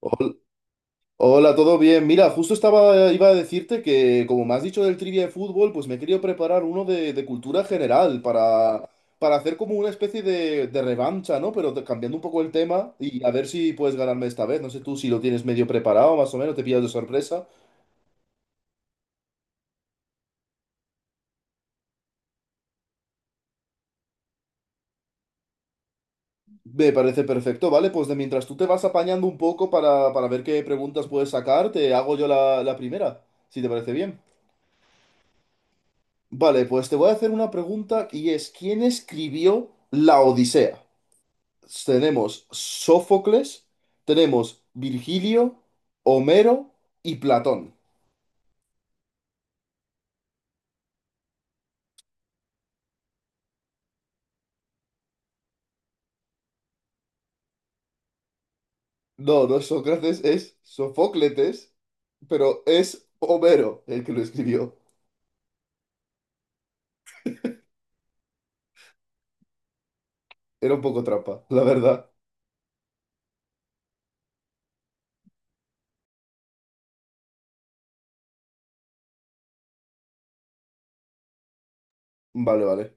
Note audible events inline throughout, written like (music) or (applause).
Hol- Hola, ¿todo bien? Mira, justo iba a decirte que, como me has dicho del trivia de fútbol, pues me he querido preparar uno de cultura general para hacer como una especie de revancha, ¿no? Pero cambiando un poco el tema y a ver si puedes ganarme esta vez. No sé tú si lo tienes medio preparado, más o menos, te pillas de sorpresa. Me parece perfecto, ¿vale? Pues de mientras tú te vas apañando un poco para ver qué preguntas puedes sacar, te hago yo la primera, si te parece bien. Vale, pues te voy a hacer una pregunta y es, ¿quién escribió La Odisea? Tenemos Sófocles, tenemos Virgilio, Homero y Platón. No, no es Sócrates, es Sofócletes, pero es Homero el que lo escribió. Era un poco trampa, la verdad. Vale, vale.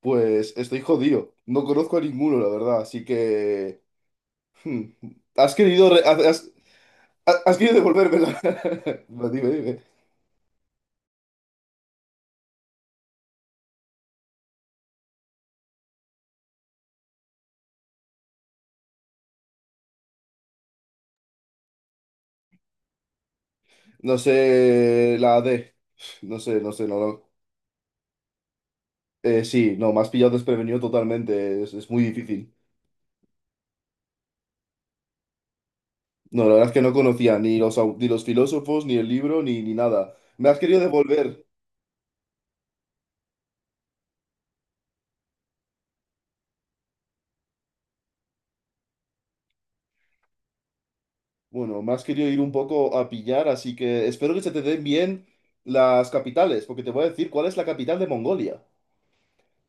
Pues estoy jodido. No conozco a ninguno, la verdad, así que... hmm, Has querido... re- Has, has- has querido devolvérmela. (laughs) Dime, dime. No sé la D. No sé, no sé, no, no. Sí, no, más pillado desprevenido totalmente, es muy difícil. No, la verdad es que no conocía ni ni los filósofos, ni el libro, ni nada. Me has querido devolver, bueno, me has querido ir un poco a pillar, así que espero que se te den bien las capitales, porque te voy a decir cuál es la capital de Mongolia.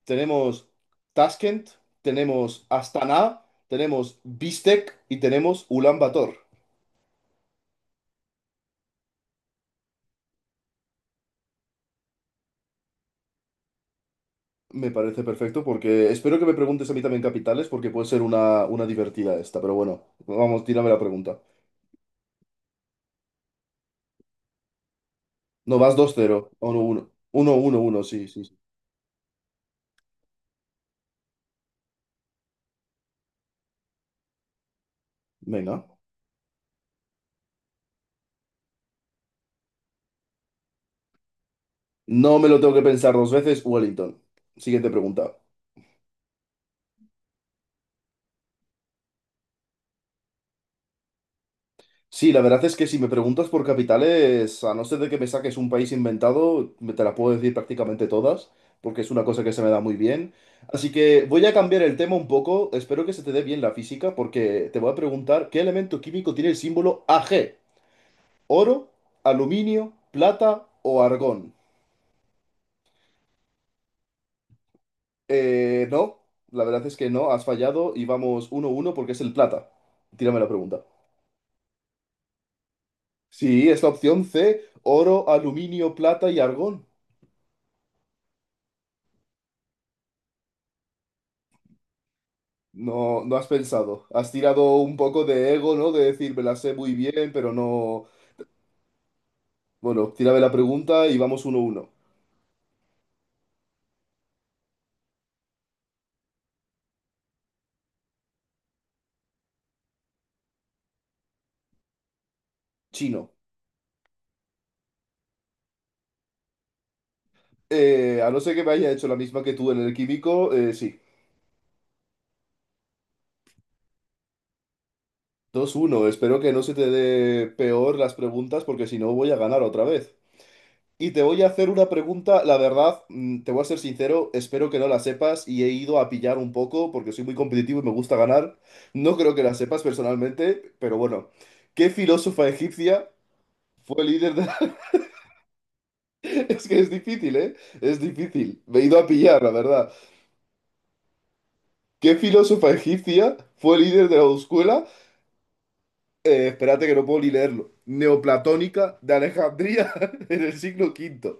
Tenemos Tashkent, tenemos Astana, tenemos Bishkek y tenemos Ulan Bator. Me parece perfecto porque espero que me preguntes a mí también capitales, porque puede ser una divertida esta, pero bueno, vamos, tírame la pregunta. No, vas dos cero, uno, uno, uno, uno, uno, sí, sí, sí. Venga. No me lo tengo que pensar dos veces, Wellington. Siguiente pregunta. Sí, la verdad es que si me preguntas por capitales, a no ser de que me saques un país inventado, me te la puedo decir prácticamente todas, porque es una cosa que se me da muy bien. Así que voy a cambiar el tema un poco. Espero que se te dé bien la física, porque te voy a preguntar qué elemento químico tiene el símbolo Ag. ¿Oro, aluminio, plata o argón? No, la verdad es que no, has fallado y vamos 1-1 porque es el plata. Tírame la pregunta. Sí, es la opción C, oro, aluminio, plata y argón. No, no has pensado. Has tirado un poco de ego, ¿no? De decir, me la sé muy bien, pero no. Bueno, tírame la pregunta y vamos 1-1. Chino. A no ser que me haya hecho la misma que tú en el químico, sí. 2-1. Espero que no se te dé peor las preguntas porque si no voy a ganar otra vez. Y te voy a hacer una pregunta, la verdad, te voy a ser sincero, espero que no la sepas y he ido a pillar un poco porque soy muy competitivo y me gusta ganar. No creo que la sepas personalmente, pero bueno, ¿qué filósofa egipcia fue líder de... (laughs) Es que es difícil, ¿eh? Es difícil. Me he ido a pillar, la verdad. ¿Qué filósofa egipcia fue líder de la escuela? Espérate que no puedo ni leerlo. Neoplatónica de Alejandría (laughs) en el siglo quinto.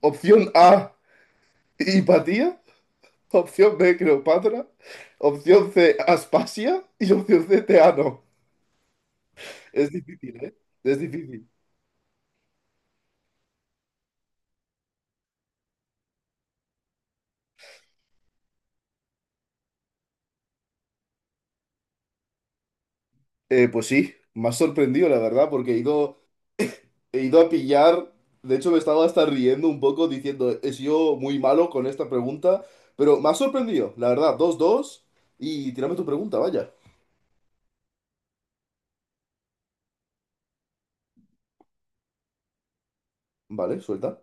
Opción A, Hipatía. Opción B, Cleopatra. Opción C, Aspasia. Y opción C, Teano. Es difícil, ¿eh? Es difícil. Pues sí, me ha sorprendido, la verdad, porque he ido a pillar. De hecho, me estaba hasta riendo un poco diciendo, he sido muy malo con esta pregunta. Pero me ha sorprendido, la verdad. 2-2. Y tírame tu pregunta, vaya. Vale, suelta.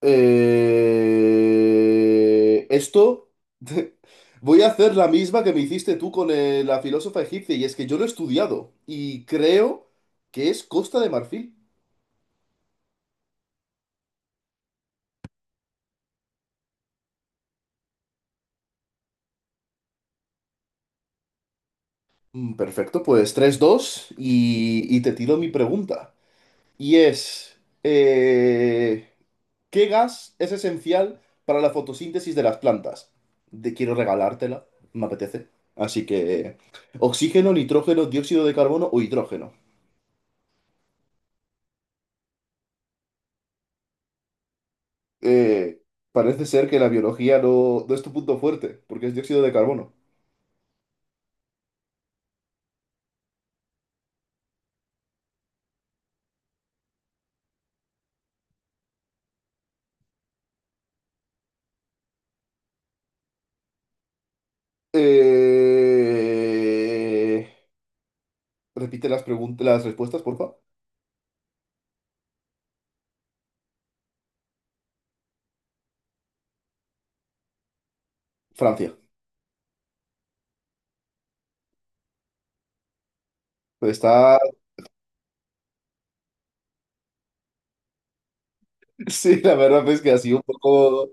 Esto, (laughs) voy a hacer la misma que me hiciste tú con la filósofa egipcia, y es que yo lo he estudiado y creo que es Costa de Marfil. Perfecto, pues 3-2 y te tiro mi pregunta. Y es, eh, ¿qué gas es esencial para la fotosíntesis de las plantas? Te quiero regalártela, me apetece. Así que, ¿oxígeno, nitrógeno, dióxido de carbono o hidrógeno? eh, Parece ser que la biología no, no es tu punto fuerte, porque es dióxido de carbono. Eh, Repite las preguntas, las respuestas, por favor. Francia. Pues está, (laughs) sí, la verdad es que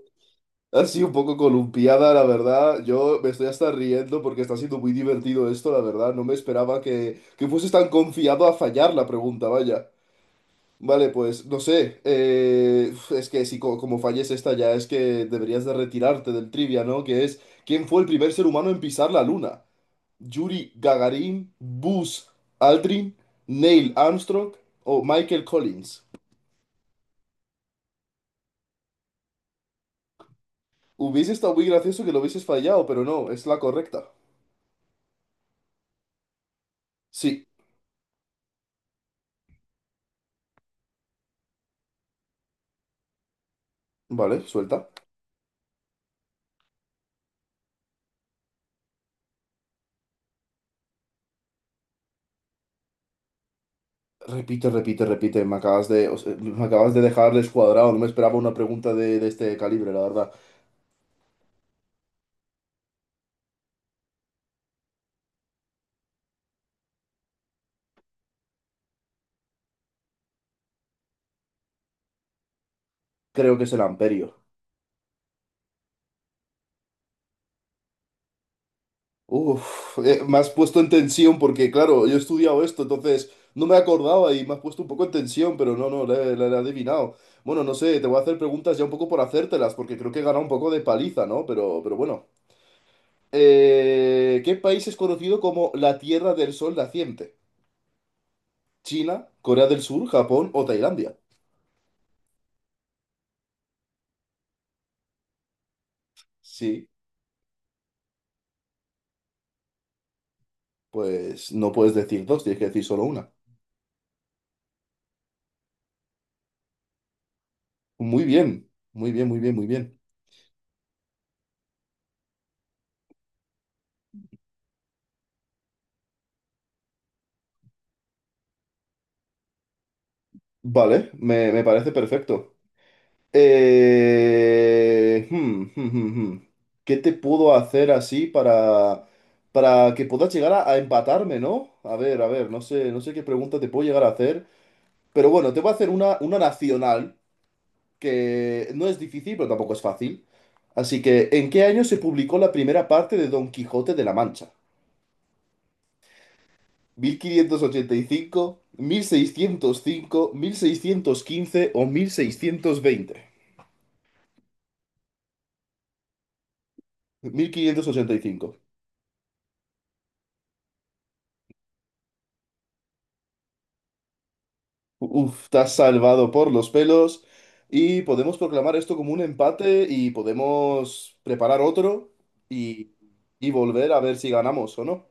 ha sido un poco columpiada, la verdad. Yo me estoy hasta riendo porque está siendo muy divertido esto, la verdad. No me esperaba que fuese tan confiado a fallar la pregunta, vaya. Vale, pues no sé. Uf, es que si como falles esta ya es que deberías de retirarte del trivia, ¿no? Que es, ¿quién fue el primer ser humano en pisar la luna? ¿Yuri Gagarin, Buzz Aldrin, Neil Armstrong o Michael Collins? Hubiese estado muy gracioso que lo hubieses fallado, pero no, es la correcta. Sí, vale, suelta. Repite, repite, repite. O sea, me acabas de dejar descuadrado. No me esperaba una pregunta de este calibre, la verdad. Creo que es el amperio. Uf, me has puesto en tensión porque, claro, yo he estudiado esto, entonces no me acordaba y me has puesto un poco en tensión, pero no, no, la he adivinado. Bueno, no sé, te voy a hacer preguntas ya un poco por hacértelas, porque creo que he ganado un poco de paliza, ¿no? Pero bueno. ¿Qué país es conocido como la Tierra del Sol Naciente? ¿China, Corea del Sur, Japón o Tailandia? Sí, pues no puedes decir dos, tienes que decir solo una. Muy bien, muy bien, muy bien, muy bien. Vale, me parece perfecto. Eh, hmm, hmm, hmm, hmm. ¿Qué te puedo hacer así para que puedas llegar a empatarme, ¿no? A ver, no sé qué pregunta te puedo llegar a hacer, pero bueno, te voy a hacer una nacional que no es difícil, pero tampoco es fácil. Así que, ¿en qué año se publicó la primera parte de Don Quijote de la Mancha? Mil quinientos ochenta y cinco, cinco, seiscientos cinco, 1615 o mil seiscientos veinte? 1585. Uf, estás salvado por los pelos y podemos proclamar esto como un empate y podemos preparar otro y, y volver a ver si ganamos o no.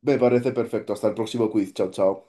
Me parece perfecto. Hasta el próximo quiz. Chao, chao.